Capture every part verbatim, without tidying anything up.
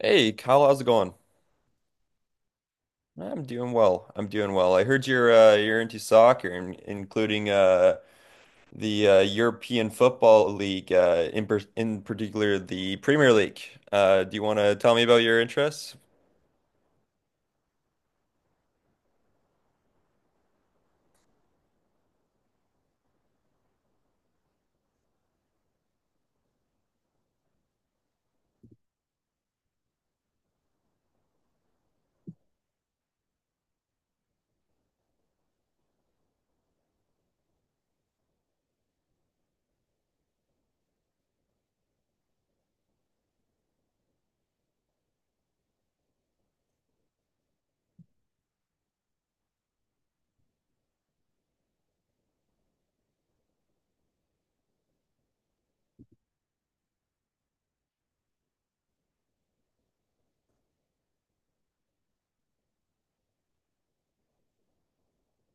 Hey, Kyle, how's it going? I'm doing well. I'm doing well. I heard you're uh, you're into soccer, in- including uh, the uh, European Football League, uh, in per in particular the Premier League. Uh, do you want to tell me about your interests?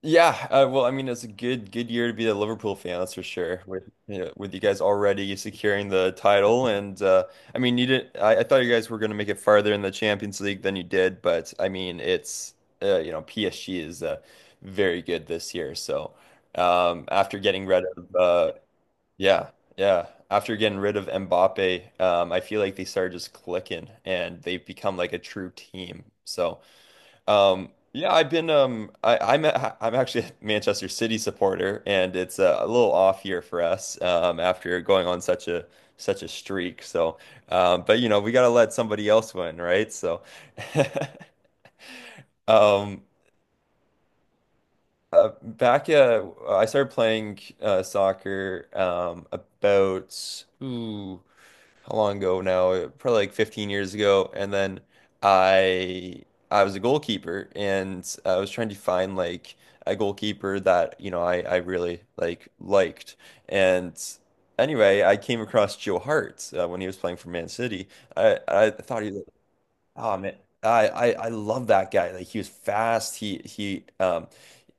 Yeah, uh, well, I mean, it's a good good year to be a Liverpool fan, that's for sure. With you know, with you guys already securing the title, and uh, I mean, you did. I, I thought you guys were going to make it farther in the Champions League than you did, but I mean, it's uh, you know, P S G is uh, very good this year. So um, after getting rid of uh, yeah, yeah, after getting rid of Mbappe, um, I feel like they started just clicking, and they've become like a true team. So. Um, yeah, I've been um I, I'm a, I'm actually a Manchester City supporter, and it's uh, a little off here for us um after going on such a such a streak. So um but you know, we got to let somebody else win, right? So um uh, back uh I started playing uh soccer um about ooh, how long ago now? Probably like fifteen years ago. And then I I was a goalkeeper, and I was trying to find like a goalkeeper that, you know, I, I really like liked. And anyway, I came across Joe Hart uh, when he was playing for Man City. I, I thought he Oh man, I, I I love that guy. Like he was fast. He he um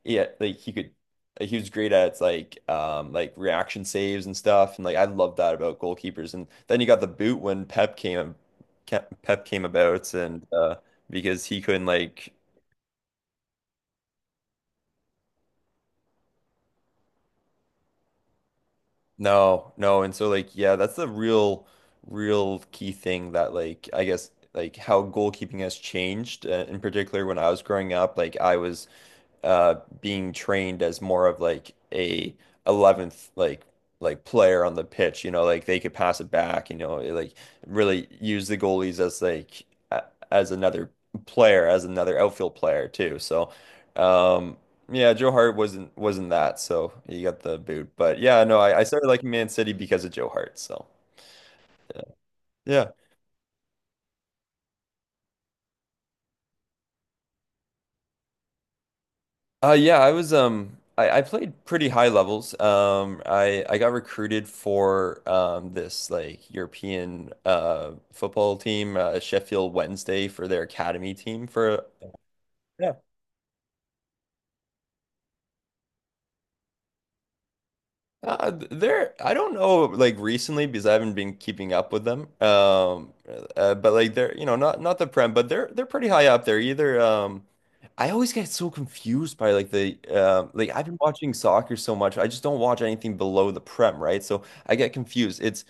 Yeah, like he could, like, he was great at like um like reaction saves and stuff. And like I love that about goalkeepers. And then you got the boot when Pep came Ke- Pep came about and uh because he couldn't like, no, no. And so like yeah, that's the real real key thing that like I guess like how goalkeeping has changed, uh, in particular when I was growing up. Like I was uh being trained as more of like a eleventh like like player on the pitch, you know, like they could pass it back, you know, like really use the goalies as like a- as another player, as another outfield player too. So um yeah, Joe Hart wasn't wasn't that, so he got the boot. But yeah, no, I, I started liking Man City because of Joe Hart. So yeah. Uh, yeah, I was um I, I played pretty high levels. Um, I I got recruited for um this like European uh football team, uh, Sheffield Wednesday, for their academy team for, yeah. Uh, th- there, I don't know, like recently, because I haven't been keeping up with them. Um, uh, but like they're, you know, not not the Prem, but they're they're pretty high up there. Either, um, I always get so confused by like the, um, like I've been watching soccer so much, I just don't watch anything below the Prem, right? So I get confused. It's,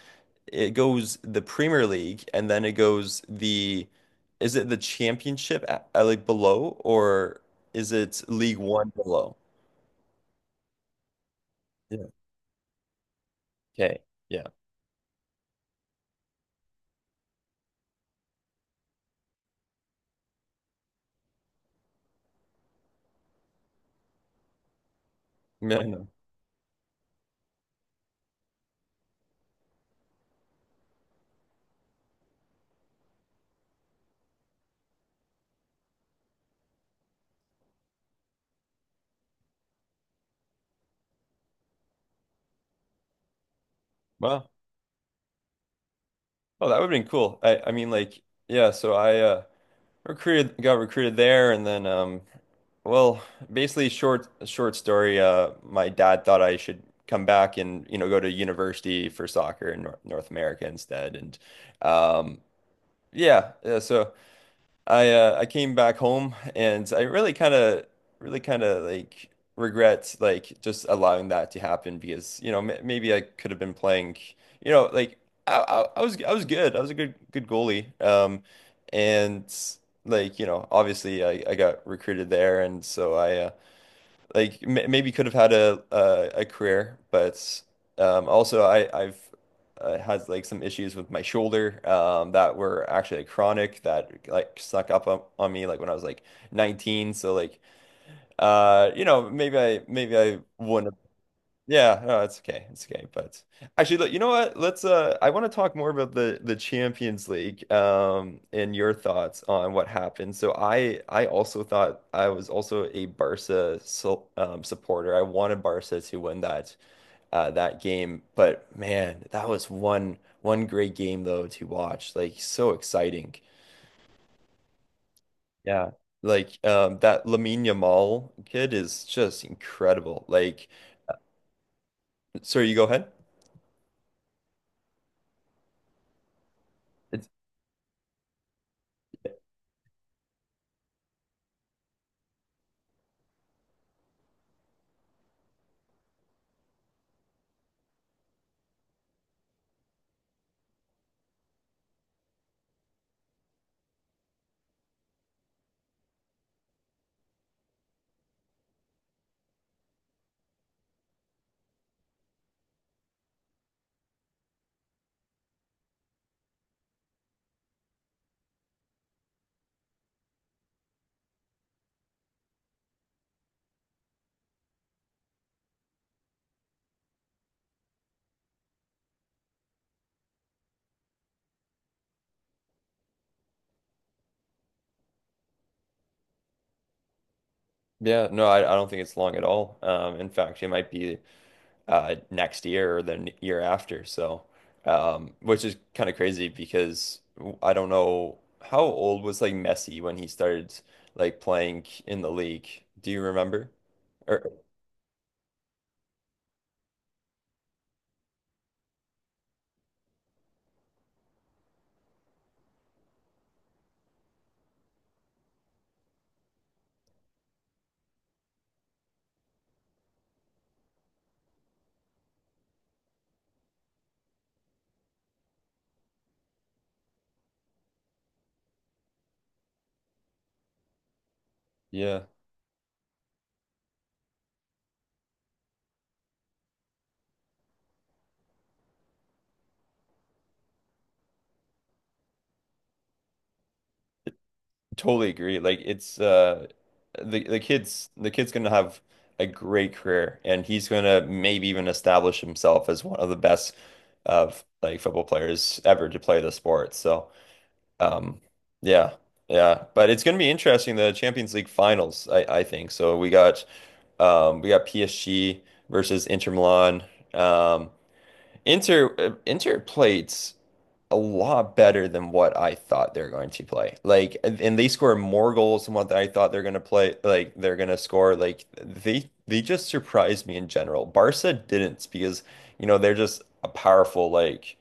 it goes the Premier League, and then it goes the, is it the Championship at, like, below, or is it League One below? Yeah. Okay. Yeah. Yeah, I know. Well, oh, that would have been cool. I, I mean, like, yeah, so I uh recruited got recruited there, and then um well, basically short short story, uh, my dad thought I should come back and, you know, go to university for soccer in Nor North America instead. And um yeah, yeah, so I uh, I came back home, and I really kind of really kind of like regret like just allowing that to happen, because you know, m maybe I could have been playing, you know, like, I, I I was I was good. I was a good good goalie, um and like, you know, obviously I I got recruited there, and so I, uh, like, m maybe could have had a uh, a career. But um, also I I've, uh, had like some issues with my shoulder, um, that were actually like chronic, that like snuck up on, on me, like when I was like nineteen. So like uh you know, maybe I maybe I wouldn't. Yeah, no, it's okay. It's okay. But actually, look, you know what? Let's uh I want to talk more about the the Champions League um and your thoughts on what happened. So I I also thought, I was also a Barca, so, um, supporter. I wanted Barca to win that uh that game, but man, that was one one great game though to watch. Like so exciting. Yeah. Like um that Lamine Yamal kid is just incredible. Like, sorry, you go ahead. Yeah, no, I, I don't think it's long at all. Um, in fact, it might be, uh, next year or the n- year after. So, um, which is kind of crazy because w- I don't know how old was like Messi when he started like playing in the league. Do you remember? Or yeah, totally agree. Like it's uh, the the kid's the kid's gonna have a great career, and he's gonna maybe even establish himself as one of the best of like football players ever to play the sport. So. Um, yeah, yeah, but it's going to be interesting, the Champions League finals, I, I think. So we got, um, we got P S G versus Inter Milan. Um, Inter, uh, Inter played a lot better than what I thought they're going to play. Like, and and they scored more goals than what I thought they're going to play. Like, they're going to score. Like, they they just surprised me in general. Barca didn't, because, you know, they're just a powerful like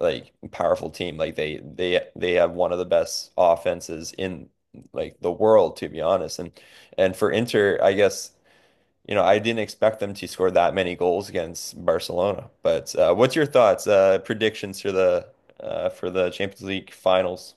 like powerful team. Like they they they have one of the best offenses in like the world, to be honest. And and for Inter, I guess, you know, I didn't expect them to score that many goals against Barcelona. But uh, what's your thoughts, uh, predictions for the uh, for the Champions League finals?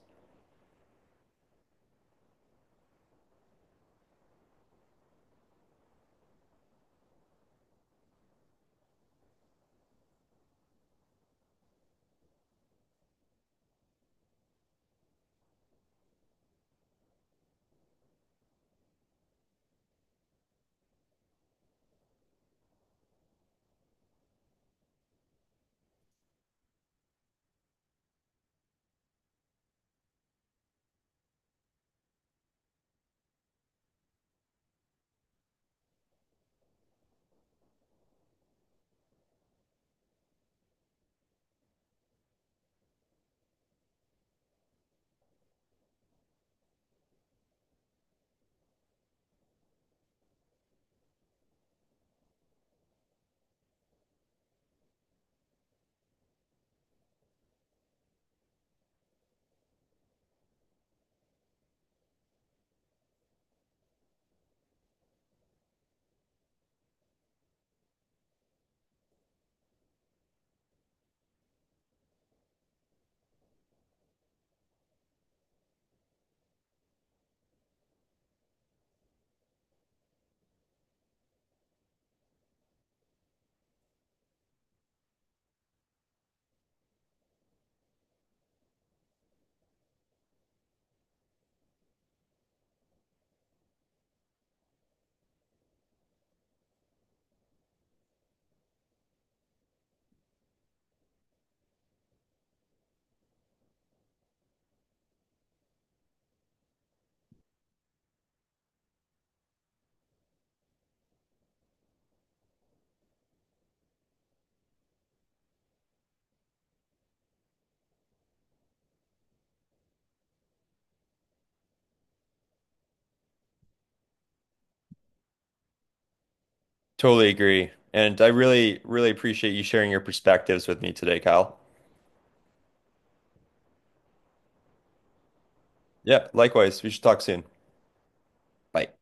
Totally agree. And I really, really appreciate you sharing your perspectives with me today, Kyle. Yeah, likewise. We should talk soon. Bye.